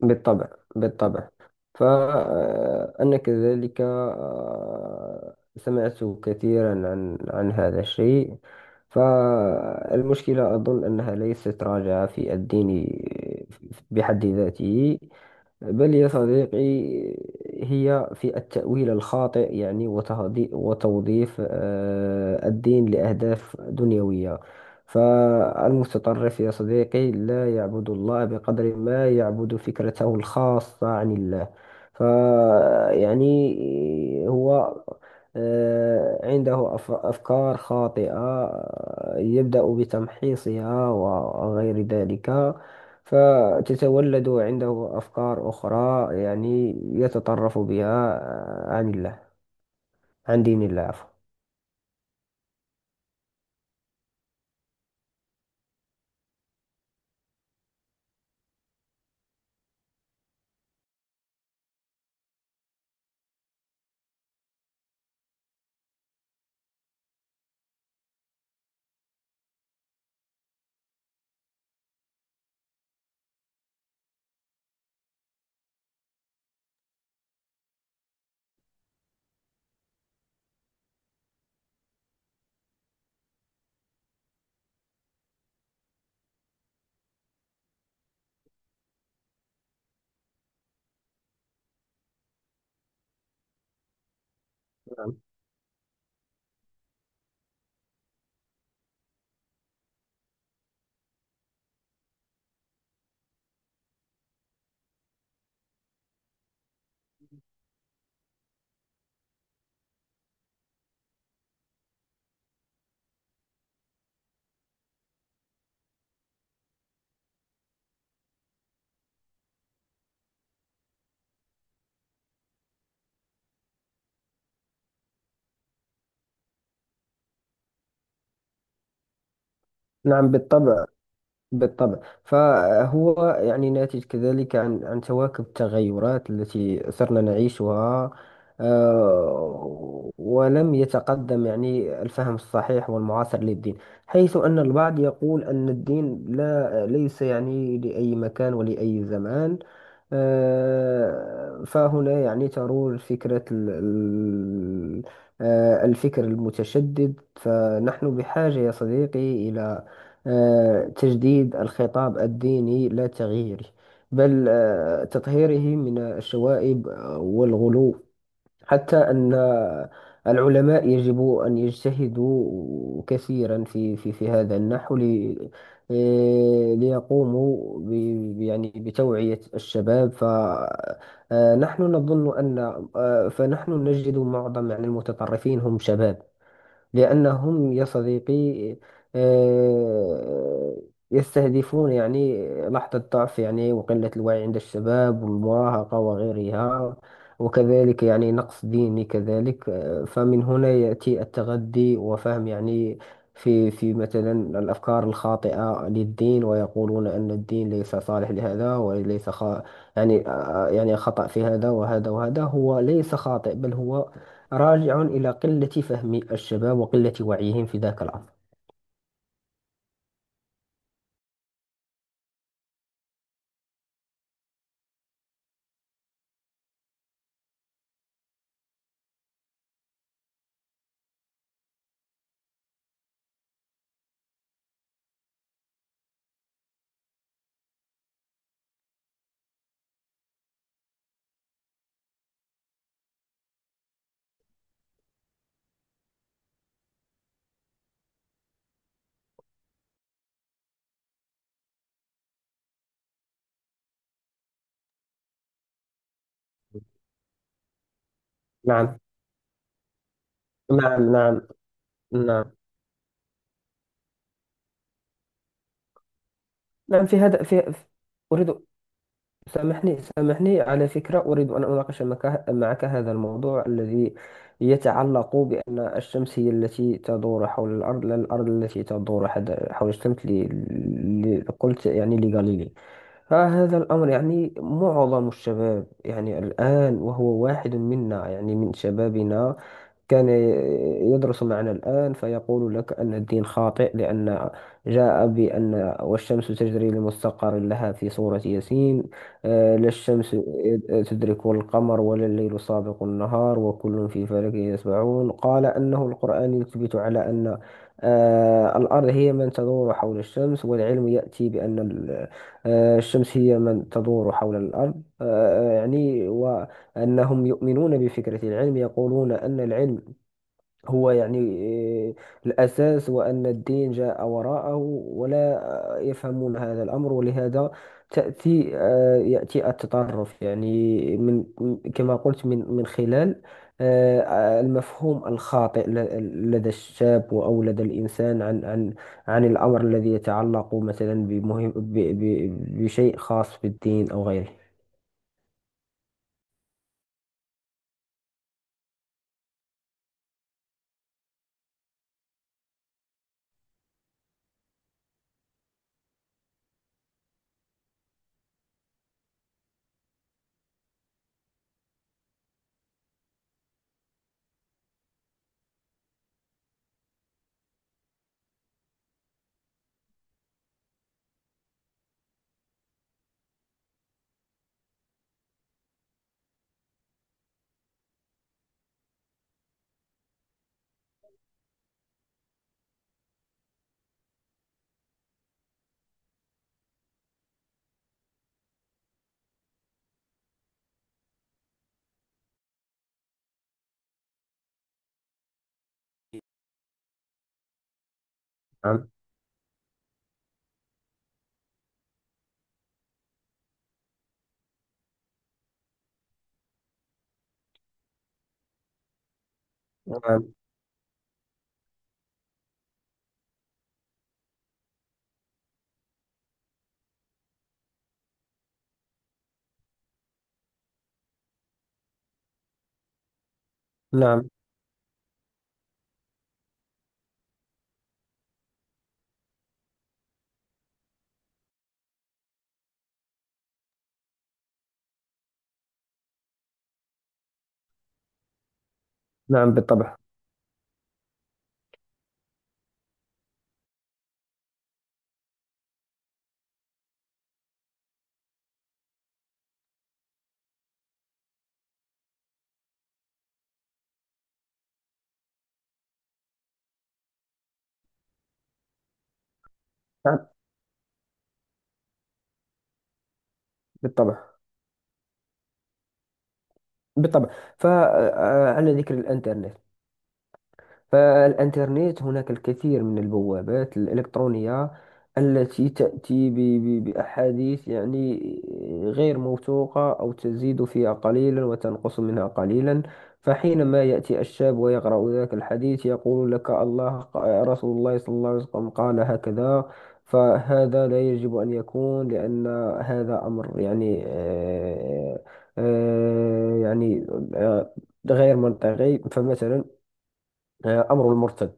بالطبع. بالطبع. فأنا كذلك سمعت كثيرا عن هذا الشيء. فالمشكلة أظن أنها ليست راجعة في الدين بحد ذاته، بل يا صديقي هي في التأويل الخاطئ، يعني وتوظيف الدين لأهداف دنيوية. فالمتطرف يا صديقي لا يعبد الله بقدر ما يعبد فكرته الخاصة عن الله. فيعني هو، عنده أفكار خاطئة، يبدأ بتمحيصها وغير ذلك. فتتولد عنده أفكار أخرى، يعني يتطرف بها عن الله، عن دين الله، عفوا. نعم. نعم. بالطبع. بالطبع. فهو يعني ناتج كذلك عن تواكب التغيرات التي صرنا نعيشها، ولم يتقدم يعني الفهم الصحيح والمعاصر للدين. حيث أن البعض يقول أن الدين لا ليس يعني لأي مكان ولأي زمان. فهنا يعني ترور فكرة الفكر المتشدد. فنحن بحاجة يا صديقي إلى تجديد الخطاب الديني لا تغييره، بل تطهيره من الشوائب والغلو. حتى أن العلماء يجب أن يجتهدوا كثيرا في هذا النحو ليقوموا يعني بتوعية الشباب. فنحن نظن أن آه، فنحن نجد معظم يعني المتطرفين هم شباب، لأنهم يا صديقي، آه، يستهدفون يعني لحظة ضعف، يعني وقلة الوعي عند الشباب والمراهقة وغيرها. وكذلك يعني نقص ديني كذلك. فمن هنا يأتي التغذي وفهم يعني في مثلا الأفكار الخاطئة للدين، ويقولون أن الدين ليس صالح لهذا وليس يعني يعني خطأ في هذا وهذا وهذا. هو ليس خاطئ، بل هو راجع إلى قلة فهم الشباب وقلة وعيهم في ذاك العصر. نعم. نعم. نعم. نعم. نعم. في هذا في أريد سامحني، سامحني، على فكرة، أريد أن أناقش معك هذا الموضوع الذي يتعلق بأن الشمس هي التي تدور حول الأرض، لا الأرض التي تدور حول الشمس، قلت يعني لغاليليو. فهذا الأمر، يعني معظم الشباب يعني الآن وهو واحد منا يعني من شبابنا كان يدرس معنا الآن، فيقول لك أن الدين خاطئ، لأن جاء بأن: والشمس تجري لمستقر لها، في سورة ياسين. لا الشمس تدرك القمر ولا الليل سابق النهار وكل في فلك يسبحون. قال أنه القرآن يثبت على أن الأرض هي من تدور حول الشمس، والعلم يأتي بأن الشمس هي من تدور حول الأرض. يعني وأنهم يؤمنون بفكرة العلم. يقولون أن العلم هو يعني آه، الأساس، هو أن الدين جاء وراءه، ولا يفهمون هذا الأمر. ولهذا تأتي آه، يأتي التطرف، يعني من، كما قلت، من خلال المفهوم الخاطئ لدى الشاب أو لدى الإنسان عن الأمر الذي يتعلق مثلا بشيء خاص بالدين أو غيره. نعم. نعم. نعم. نعم. بالطبع. نعم. بالطبع. بالطبع. فعلى ذكر الانترنت، فالإنترنت هناك الكثير من البوابات الإلكترونية التي تأتي بأحاديث يعني غير موثوقة، أو تزيد فيها قليلا وتنقص منها قليلا. فحينما يأتي الشاب ويقرأ ذاك الحديث يقول لك: الله رسول الله صلى الله عليه وسلم قال هكذا. فهذا لا يجب أن يكون، لأن هذا أمر، يعني يعني آه، غير منطقي. فمثلا أمر المرتد،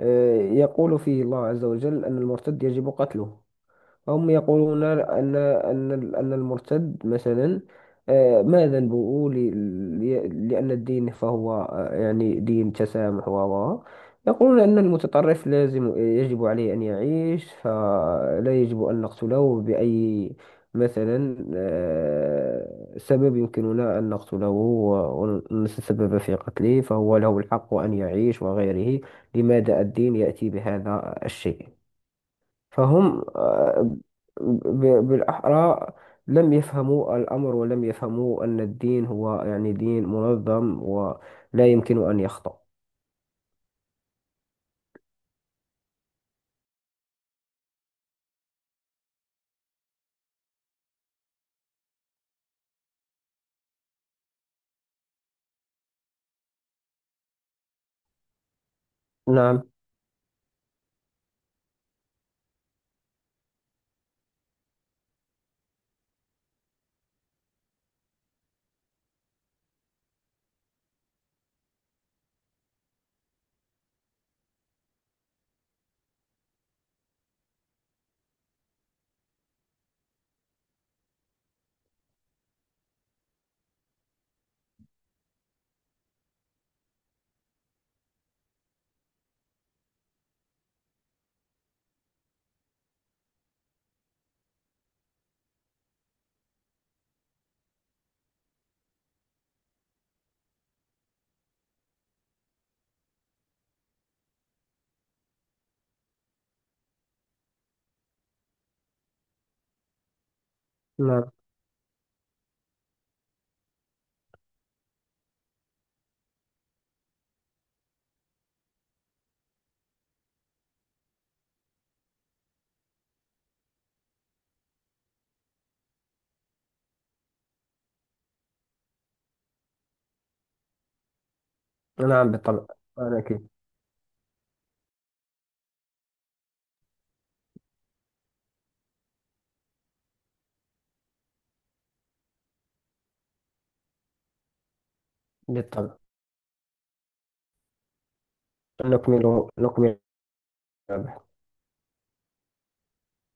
يقول فيه الله عز وجل أن المرتد يجب قتله. هم يقولون أن المرتد مثلا، ما ذنبه؟ لأن الدين، فهو يعني دين تسامح يقولون أن المتطرف لازم يجب عليه أن يعيش، فلا يجب أن نقتله بأي مثلا سبب يمكننا أن نقتله ونتسبب في قتله، فهو له الحق أن يعيش وغيره. لماذا الدين يأتي بهذا الشيء؟ فهم، بالأحرى، لم يفهموا الأمر، ولم يفهموا أن الدين هو يعني دين منظم ولا يمكن أن يخطأ. نعم. نعم. نعم. بالطبع. أنا أكيد. بالطبع. نكمل. نكمل.